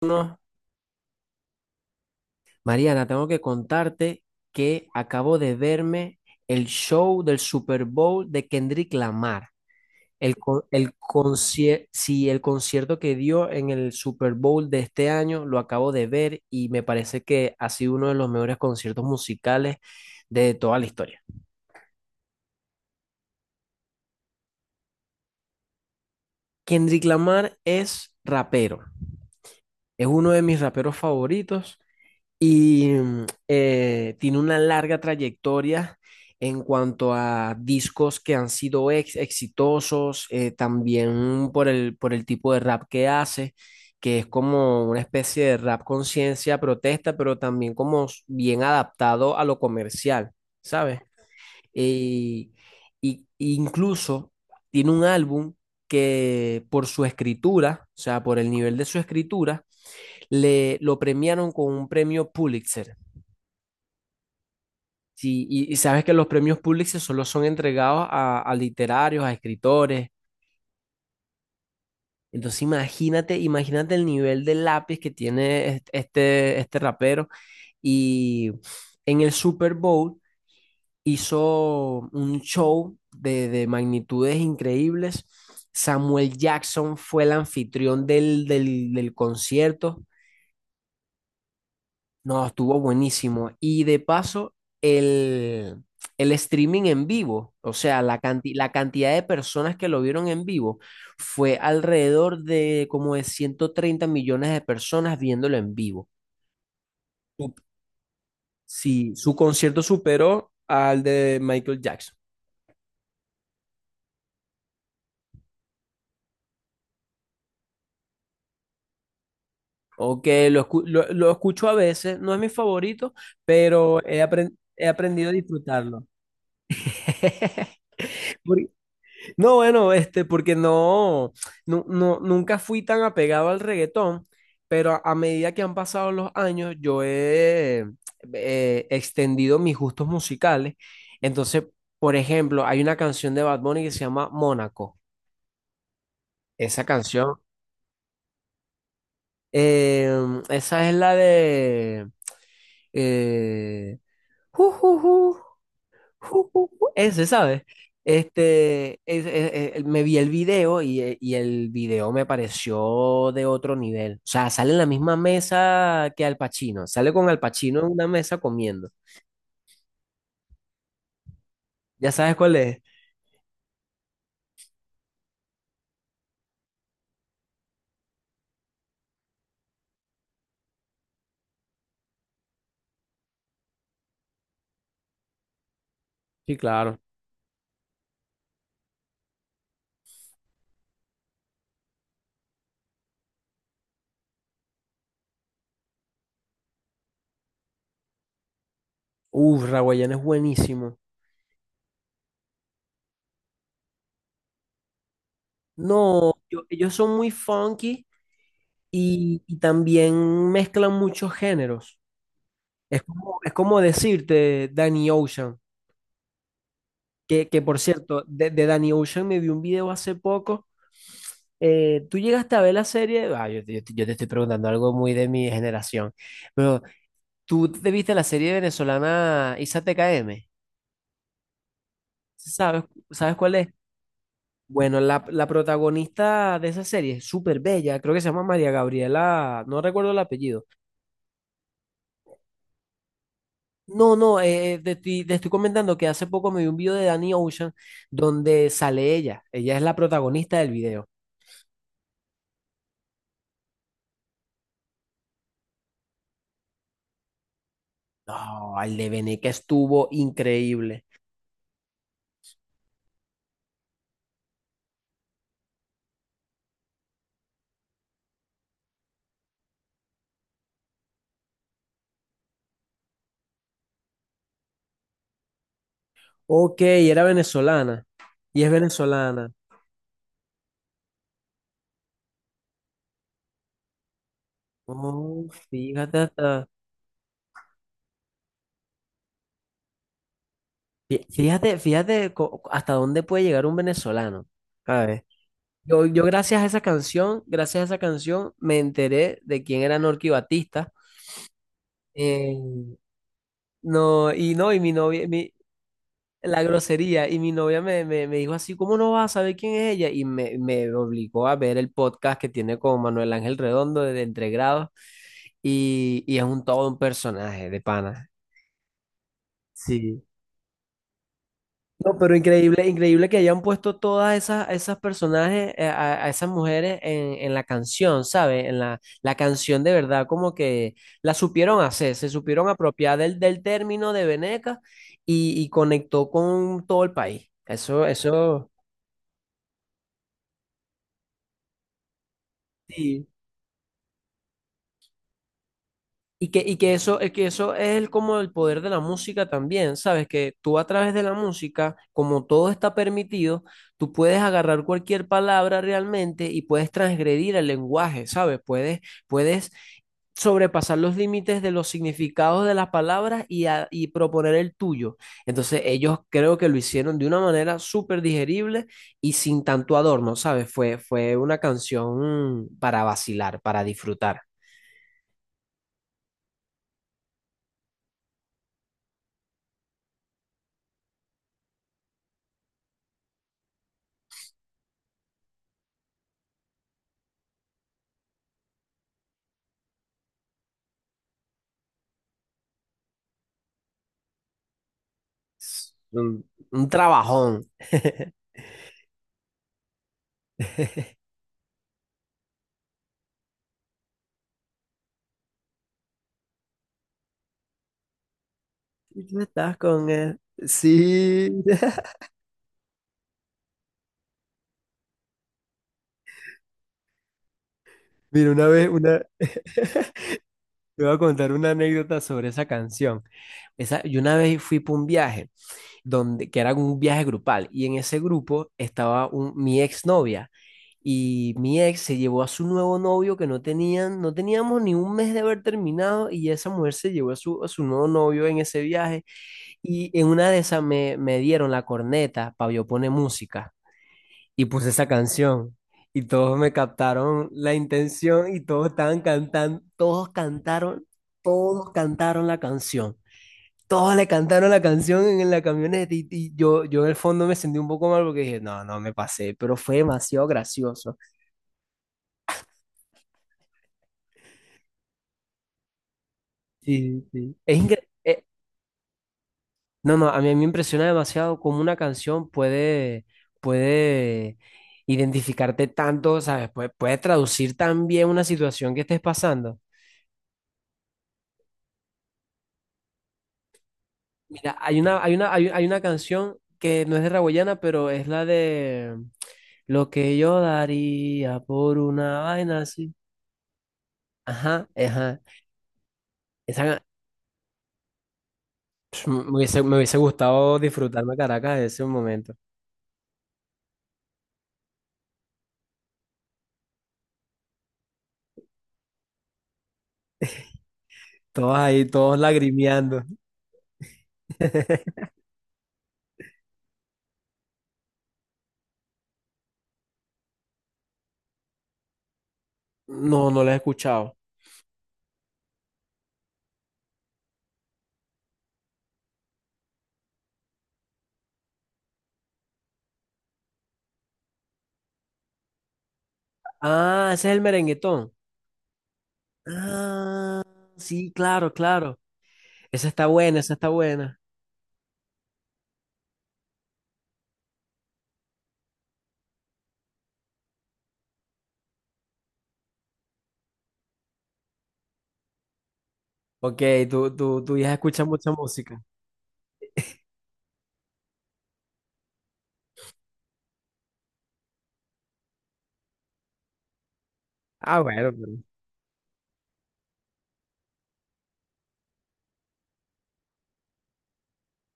No, Mariana, tengo que contarte que acabo de verme el show del Super Bowl de Kendrick Lamar. El concierto que dio en el Super Bowl de este año lo acabo de ver y me parece que ha sido uno de los mejores conciertos musicales de toda la historia. Kendrick Lamar es rapero, es uno de mis raperos favoritos y tiene una larga trayectoria en cuanto a discos que han sido exitosos, también por por el tipo de rap que hace, que es como una especie de rap conciencia, protesta, pero también como bien adaptado a lo comercial, ¿sabes? Y y incluso tiene un álbum que por su escritura, o sea, por el nivel de su escritura, le lo premiaron con un premio Pulitzer. Sí, y sabes que los premios Pulitzer solo son entregados a literarios, a escritores. Entonces imagínate, imagínate el nivel de lápiz que tiene este rapero. Y en el Super Bowl hizo un show de magnitudes increíbles. Samuel Jackson fue el anfitrión del concierto. No, estuvo buenísimo. Y de paso, el, el streaming en vivo, o sea, la cantidad de personas que lo vieron en vivo fue alrededor de como de 130 millones de personas viéndolo en vivo. Tú- Sí, su concierto superó al de Michael Jackson. Ok, lo escucho a veces, no es mi favorito, pero he aprendido a disfrutarlo. Por- No, bueno, porque no, no, nunca fui tan apegado al reggaetón, pero a medida que han pasado los años, yo he extendido mis gustos musicales. Entonces, por ejemplo, hay una canción de Bad Bunny que se llama Mónaco. Esa canción, eh, esa es la de... Eh, ju, ju, ju, Ese, ¿sabes? Me vi el video y el video me pareció de otro nivel. O sea, sale en la misma mesa que Al Pacino. Sale con Al Pacino en una mesa comiendo. ¿Ya sabes cuál es? Sí, claro. Uf, Raguayana es buenísimo. No, yo- ellos son muy funky y también mezclan muchos géneros. Es como decirte Danny Ocean, que por cierto, de Danny Ocean me vi un video hace poco. Tú llegaste a ver la serie, ah, yo te estoy preguntando algo muy de mi generación, pero tú te viste la serie venezolana Isa TKM, ¿sabes, ¿sabes cuál es? Bueno, la protagonista de esa serie es súper bella, creo que se llama María Gabriela, no recuerdo el apellido. No, no, te estoy comentando que hace poco me vi un video de Danny Ocean donde sale ella, ella es la protagonista del video. No, el de Bené que estuvo increíble. Ok, era venezolana. Y es venezolana. Oh, fíjate hasta dónde puede llegar un venezolano. ¿Sabes? Yo gracias a esa canción, gracias a esa canción, me enteré de quién era Norky Batista. Eh, no, y no, y mi novia, mi, la grosería, y mi novia me dijo así, ¿cómo no vas a saber quién es ella? Me obligó a ver el podcast que tiene con Manuel Ángel Redondo de Entre Grados, y es un todo un personaje de pana. Sí. No, pero increíble, increíble que hayan puesto todas esas, esas personajes, a esas mujeres en la canción, ¿sabes? En la canción de verdad, como que la supieron hacer, se supieron apropiar del término de Veneca y conectó con todo el país. Eso, sí. Y que eso es el- como el poder de la música también, ¿sabes? Que tú a través de la música, como todo está permitido, tú puedes agarrar cualquier palabra realmente y puedes transgredir el lenguaje, ¿sabes? Puedes, puedes sobrepasar los límites de los significados de las palabras y proponer el tuyo. Entonces ellos creo que lo hicieron de una manera súper digerible y sin tanto adorno, ¿sabes? Fue, fue una canción para vacilar, para disfrutar. Es un trabajón. Y tú estás con él. Sí. Mira, una vez, una, te voy a contar una anécdota sobre esa canción. Esa, yo una vez fui para un viaje, donde, que era un viaje grupal, y en ese grupo estaba un, mi exnovia, y mi ex se llevó a su nuevo novio que no tenían, no teníamos ni un mes de haber terminado, y esa mujer se llevó a su nuevo novio en ese viaje, y en una de esas me dieron la corneta para yo poner música. Y puse esa canción y todos me captaron la intención y todos estaban cantando, todos cantaron la canción. Todos le cantaron la canción en la camioneta y yo en el fondo me sentí un poco mal porque dije, no, no, me pasé, pero fue demasiado gracioso. Sí, sí. No, no, a mí me impresiona demasiado cómo una canción puede, puede identificarte tanto, ¿sabes? Puede, puede traducir tan bien una situación que estés pasando. Mira, hay una canción que no es de Raboyana, pero es la de Lo que yo daría por una vaina así. Ajá, ajá. Esa, pf, me hubiese gustado disfrutarme Caracas en ese momento. Todos ahí, todos lagrimeando. No, no la he escuchado. Ah, ese es el merenguetón. Ah, sí, claro, claro. Esa está buena, esa está buena. Ok, tú ya escuchas mucha música. Ah, bueno,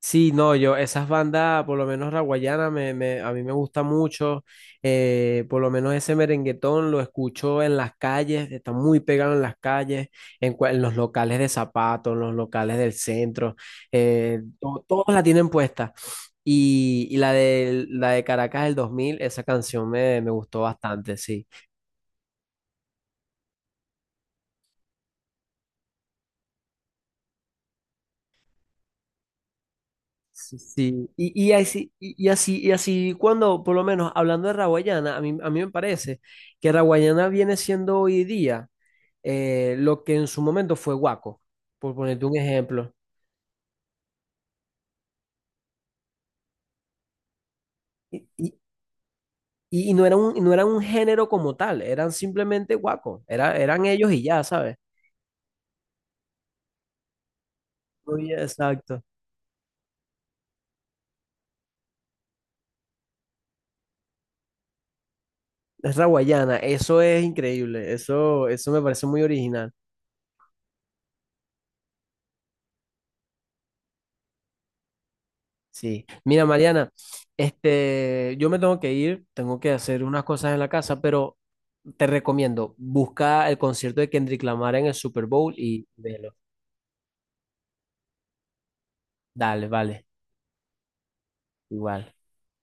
sí, no, yo, esas bandas, por lo menos la guayana, a mí me gusta mucho, por lo menos ese merenguetón lo escucho en las calles, está muy pegado en las calles, en los locales de zapatos, en los locales del centro, todos la tienen puesta. Y, la de Caracas del 2000, esa canción me gustó bastante, sí. Sí, sí. Y así cuando, por lo menos hablando de raguayana, a mí me parece que raguayana viene siendo hoy día lo que en su momento fue guaco, por ponerte un ejemplo. Y, y- y no era un, no era un género como tal, eran simplemente guaco, era, eran ellos y ya, ¿sabes? Muy exacto. Es la guayana, eso es increíble, eso me parece muy original. Sí. Mira, Mariana, este, yo me tengo que ir, tengo que hacer unas cosas en la casa, pero te recomiendo, busca el concierto de Kendrick Lamar en el Super Bowl y velo. Dale, vale, igual.